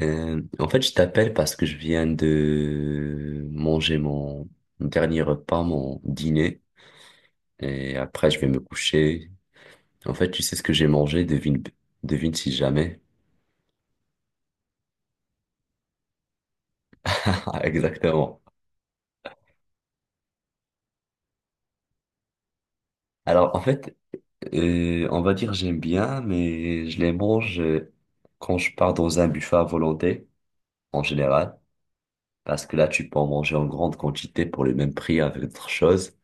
En fait, je t'appelle parce que je viens de manger mon dernier repas, mon dîner, et après je vais me coucher. En fait, tu sais ce que j'ai mangé? Devine, devine si jamais. Exactement. Alors, en fait, on va dire j'aime bien, mais je les mange, quand je pars dans un buffet à volonté, en général, parce que là, tu peux en manger en grande quantité pour le même prix avec d'autres choses.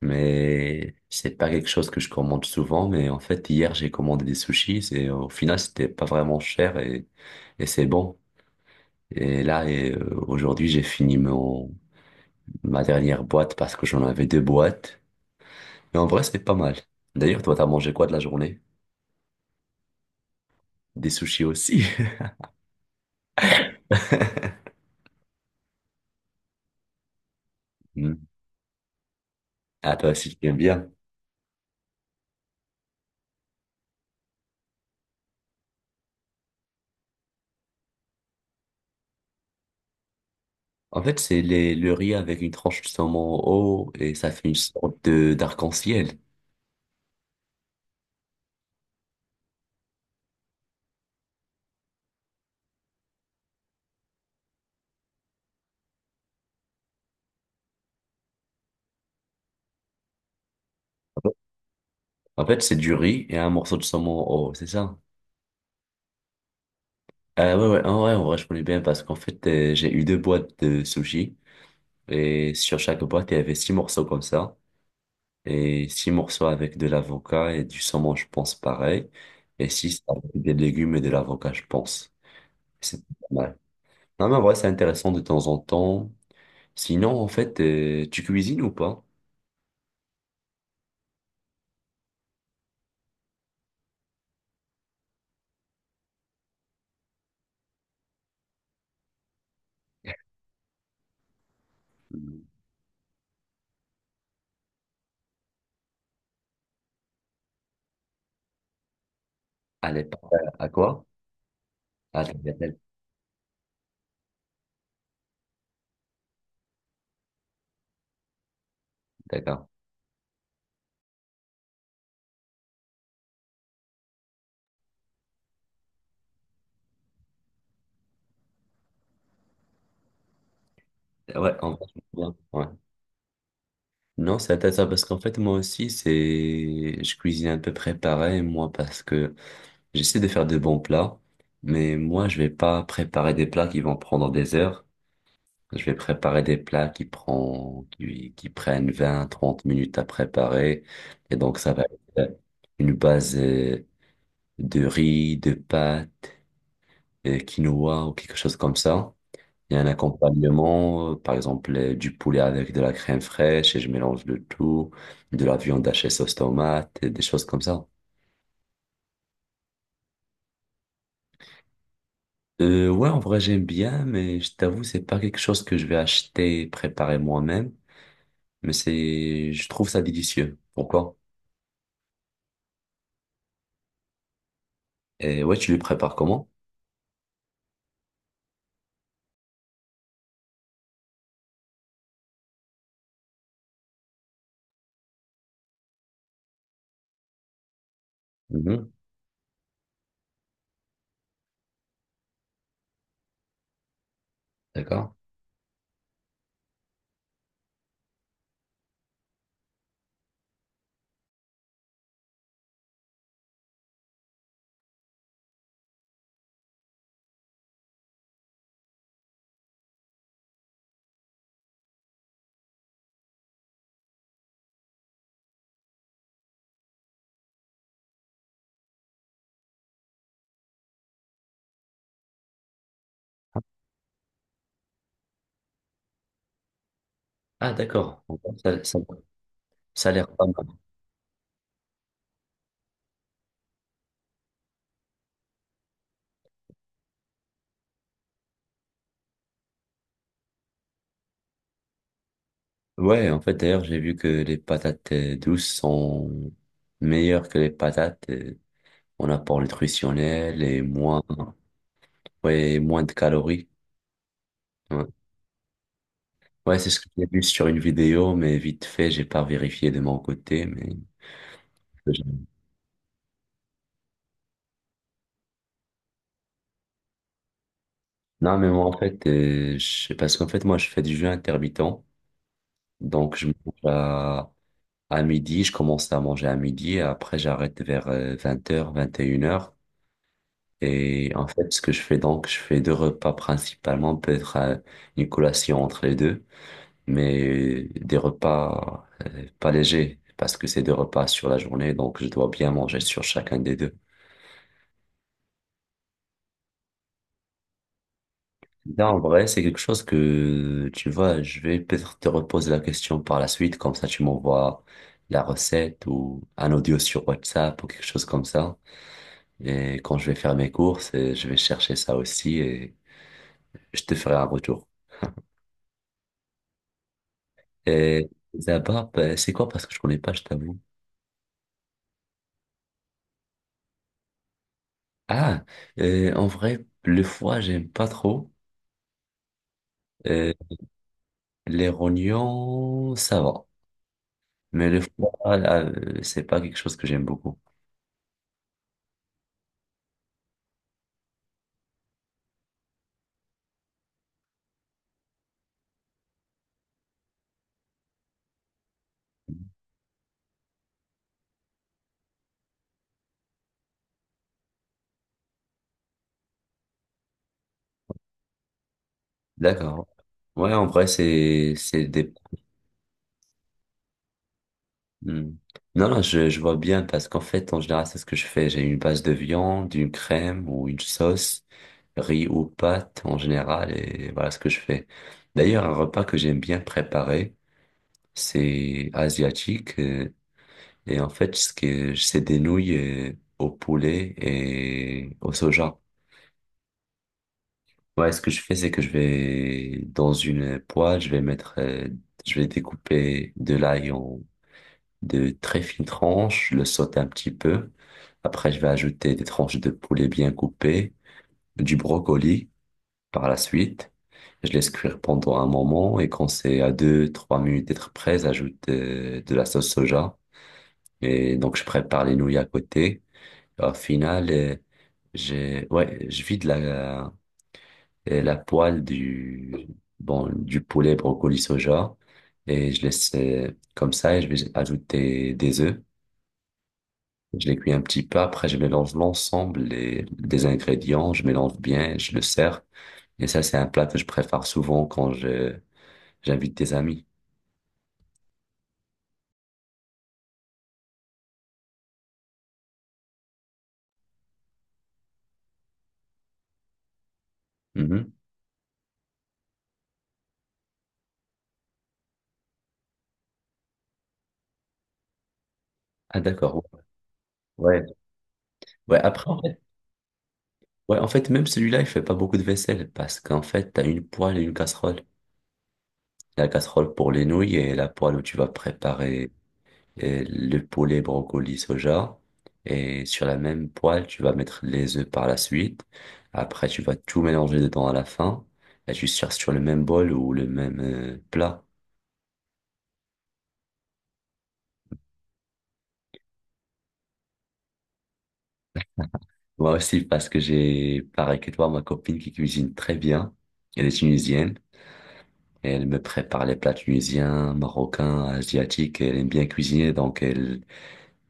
Mais c'est pas quelque chose que je commande souvent. Mais en fait, hier, j'ai commandé des sushis et au final, c'était pas vraiment cher, et c'est bon. Et là, aujourd'hui, j'ai fini ma dernière boîte parce que j'en avais deux boîtes. Et en vrai, c'est pas mal. D'ailleurs, toi, t'as mangé quoi de la journée? Des sushis aussi. Hmm. Ah, toi aussi, tu aimes bien. En fait, c'est le riz avec une tranche de saumon haut et ça fait une sorte de d'arc-en-ciel. En fait, c'est du riz et un morceau de saumon haut, c'est ça? Ah ouais, ouais, en vrai, je connais bien parce qu'en fait, j'ai eu deux boîtes de sushi et sur chaque boîte, il y avait six morceaux comme ça. Et six morceaux avec de l'avocat et du saumon, je pense, pareil. Et six avec des légumes et de l'avocat, je pense. C'est pas mal. Non, mais en vrai, c'est intéressant de temps en temps. Sinon, en fait, tu cuisines ou pas? Mm. À l'époque, à quoi? À la bagatelle. D'accord. Ouais, en fait, je vois bien. Ouais. Non, c'est intéressant parce qu'en fait, moi aussi, je cuisine un peu préparé, moi, parce que j'essaie de faire de bons plats, mais moi, je vais pas préparer des plats qui vont prendre des heures. Je vais préparer des plats qui prennent 20-30 minutes à préparer. Et donc, ça va être, une base, de riz, de pâtes, quinoa ou quelque chose comme ça. Il y a un accompagnement, par exemple, du poulet avec de la crème fraîche et je mélange le tout, de la viande hachée sauce tomate, et des choses comme ça. Ouais, en vrai, j'aime bien, mais je t'avoue, c'est pas quelque chose que je vais acheter, et préparer moi-même, mais je trouve ça délicieux. Pourquoi? Et ouais, tu lui prépares comment? Mhm. D'accord. Ah, d'accord. Ça, ça- Ça a l'air pas mal. Ouais, en fait, d'ailleurs, j'ai vu que les patates, douces sont meilleures que les patates, en apport nutritionnel et moins, ouais, moins de calories. Ouais. Ouais, c'est ce que j'ai vu sur une vidéo, mais vite fait, j'ai pas vérifié de mon côté, mais non, mais moi, en fait, je sais parce qu'en fait, moi, je fais du jeûne intermittent, donc je mange À midi, je commence à manger à midi et après j'arrête vers 20 heures, 21 heures. Et en fait, ce que je fais donc, je fais deux repas principalement, peut-être, une collation entre les deux, mais des repas, pas légers, parce que c'est deux repas sur la journée, donc je dois bien manger sur chacun des deux. Là, en vrai, c'est quelque chose que, tu vois, je vais peut-être te reposer la question par la suite, comme ça tu m'envoies la recette ou un audio sur WhatsApp ou quelque chose comme ça. Et quand je vais faire mes courses, je vais chercher ça aussi et je te ferai un retour. Et là-bas, bah, c'est quoi? Parce que je connais pas, je t'avoue. Ah, en vrai, le foie, j'aime pas trop. Euh, les rognons, ça va. Mais le foie, c'est pas quelque chose que j'aime beaucoup. D'accord. Ouais, en vrai, c'est des. Hmm. Non, non, je vois bien parce qu'en fait, en général, c'est ce que je fais. J'ai une base de viande, une crème ou une sauce, riz ou pâte en général, et voilà ce que je fais. D'ailleurs, un repas que j'aime bien préparer, c'est asiatique. Et en fait, ce que c'est des nouilles, au poulet et au soja. Ouais, ce que je fais, c'est que je vais dans une poêle, je vais découper de l'ail de très fines tranches, je le saute un petit peu. Après, je vais ajouter des tranches de poulet bien coupées, du brocoli par la suite. Je laisse cuire pendant un moment et quand c'est à 2-3 minutes d'être prêt, j'ajoute, de la sauce soja. Et donc, je prépare les nouilles à côté. Au final, ouais, je vide la poêle, bon, du poulet brocoli soja et je laisse, comme ça et je vais ajouter des œufs. Je les cuis un petit peu, après je mélange l'ensemble des ingrédients, je mélange bien, je le sers. Et ça, c'est un plat que je prépare souvent quand je j'invite des amis. Mhm. Ah d'accord, ouais. Ouais, après en fait, ouais, en fait même celui-là, il fait pas beaucoup de vaisselle parce qu'en fait, t'as une poêle et une casserole. La casserole pour les nouilles et la poêle où tu vas préparer, le poulet, brocoli, soja. Et sur la même poêle, tu vas mettre les œufs par la suite. Après, tu vas tout mélanger dedans à la fin. Et tu sers sur le même bol ou le même, plat. Moi aussi, parce que pareil que toi, ma copine qui cuisine très bien. Elle est tunisienne. Et elle me prépare les plats tunisiens, marocains, asiatiques. Elle aime bien cuisiner, donc elle,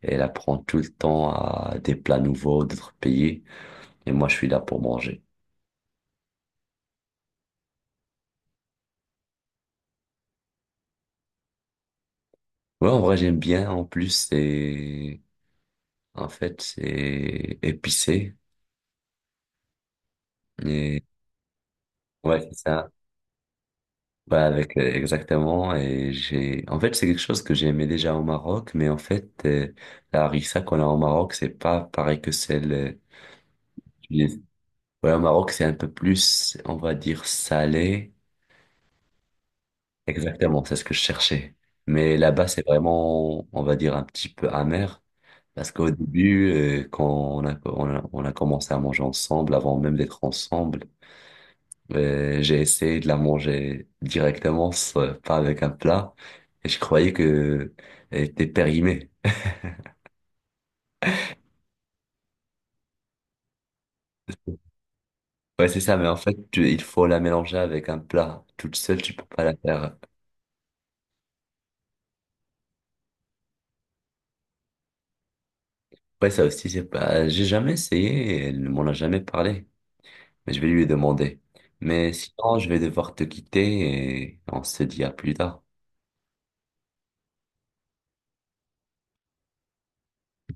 elle apprend tout le temps à des plats nouveaux d'autres pays. Et moi, je suis là pour manger. Ouais, en vrai, j'aime bien. En plus, en fait, c'est épicé. Et, ouais, c'est ça. Bah, avec, exactement. Et en fait, c'est quelque chose que j'aimais déjà au Maroc, mais en fait, la harissa qu'on a au Maroc, c'est pas pareil que celle, tunisienne. Ouais, au Maroc, c'est un peu plus, on va dire, salé. Exactement, c'est ce que je cherchais. Mais là-bas, c'est vraiment, on va dire, un petit peu amer. Parce qu'au début, quand on a commencé à manger ensemble, avant même d'être ensemble, j'ai essayé de la manger directement, pas avec un plat, et je croyais que elle était périmée. Ouais, c'est ça, mais en fait, il faut la mélanger avec un plat. Toute seule, tu peux pas la faire. Ouais, ça aussi, c'est pas, j'ai jamais essayé, et elle ne m'en a jamais parlé, mais je vais lui demander. Mais sinon, je vais devoir te quitter et on se dit à plus tard.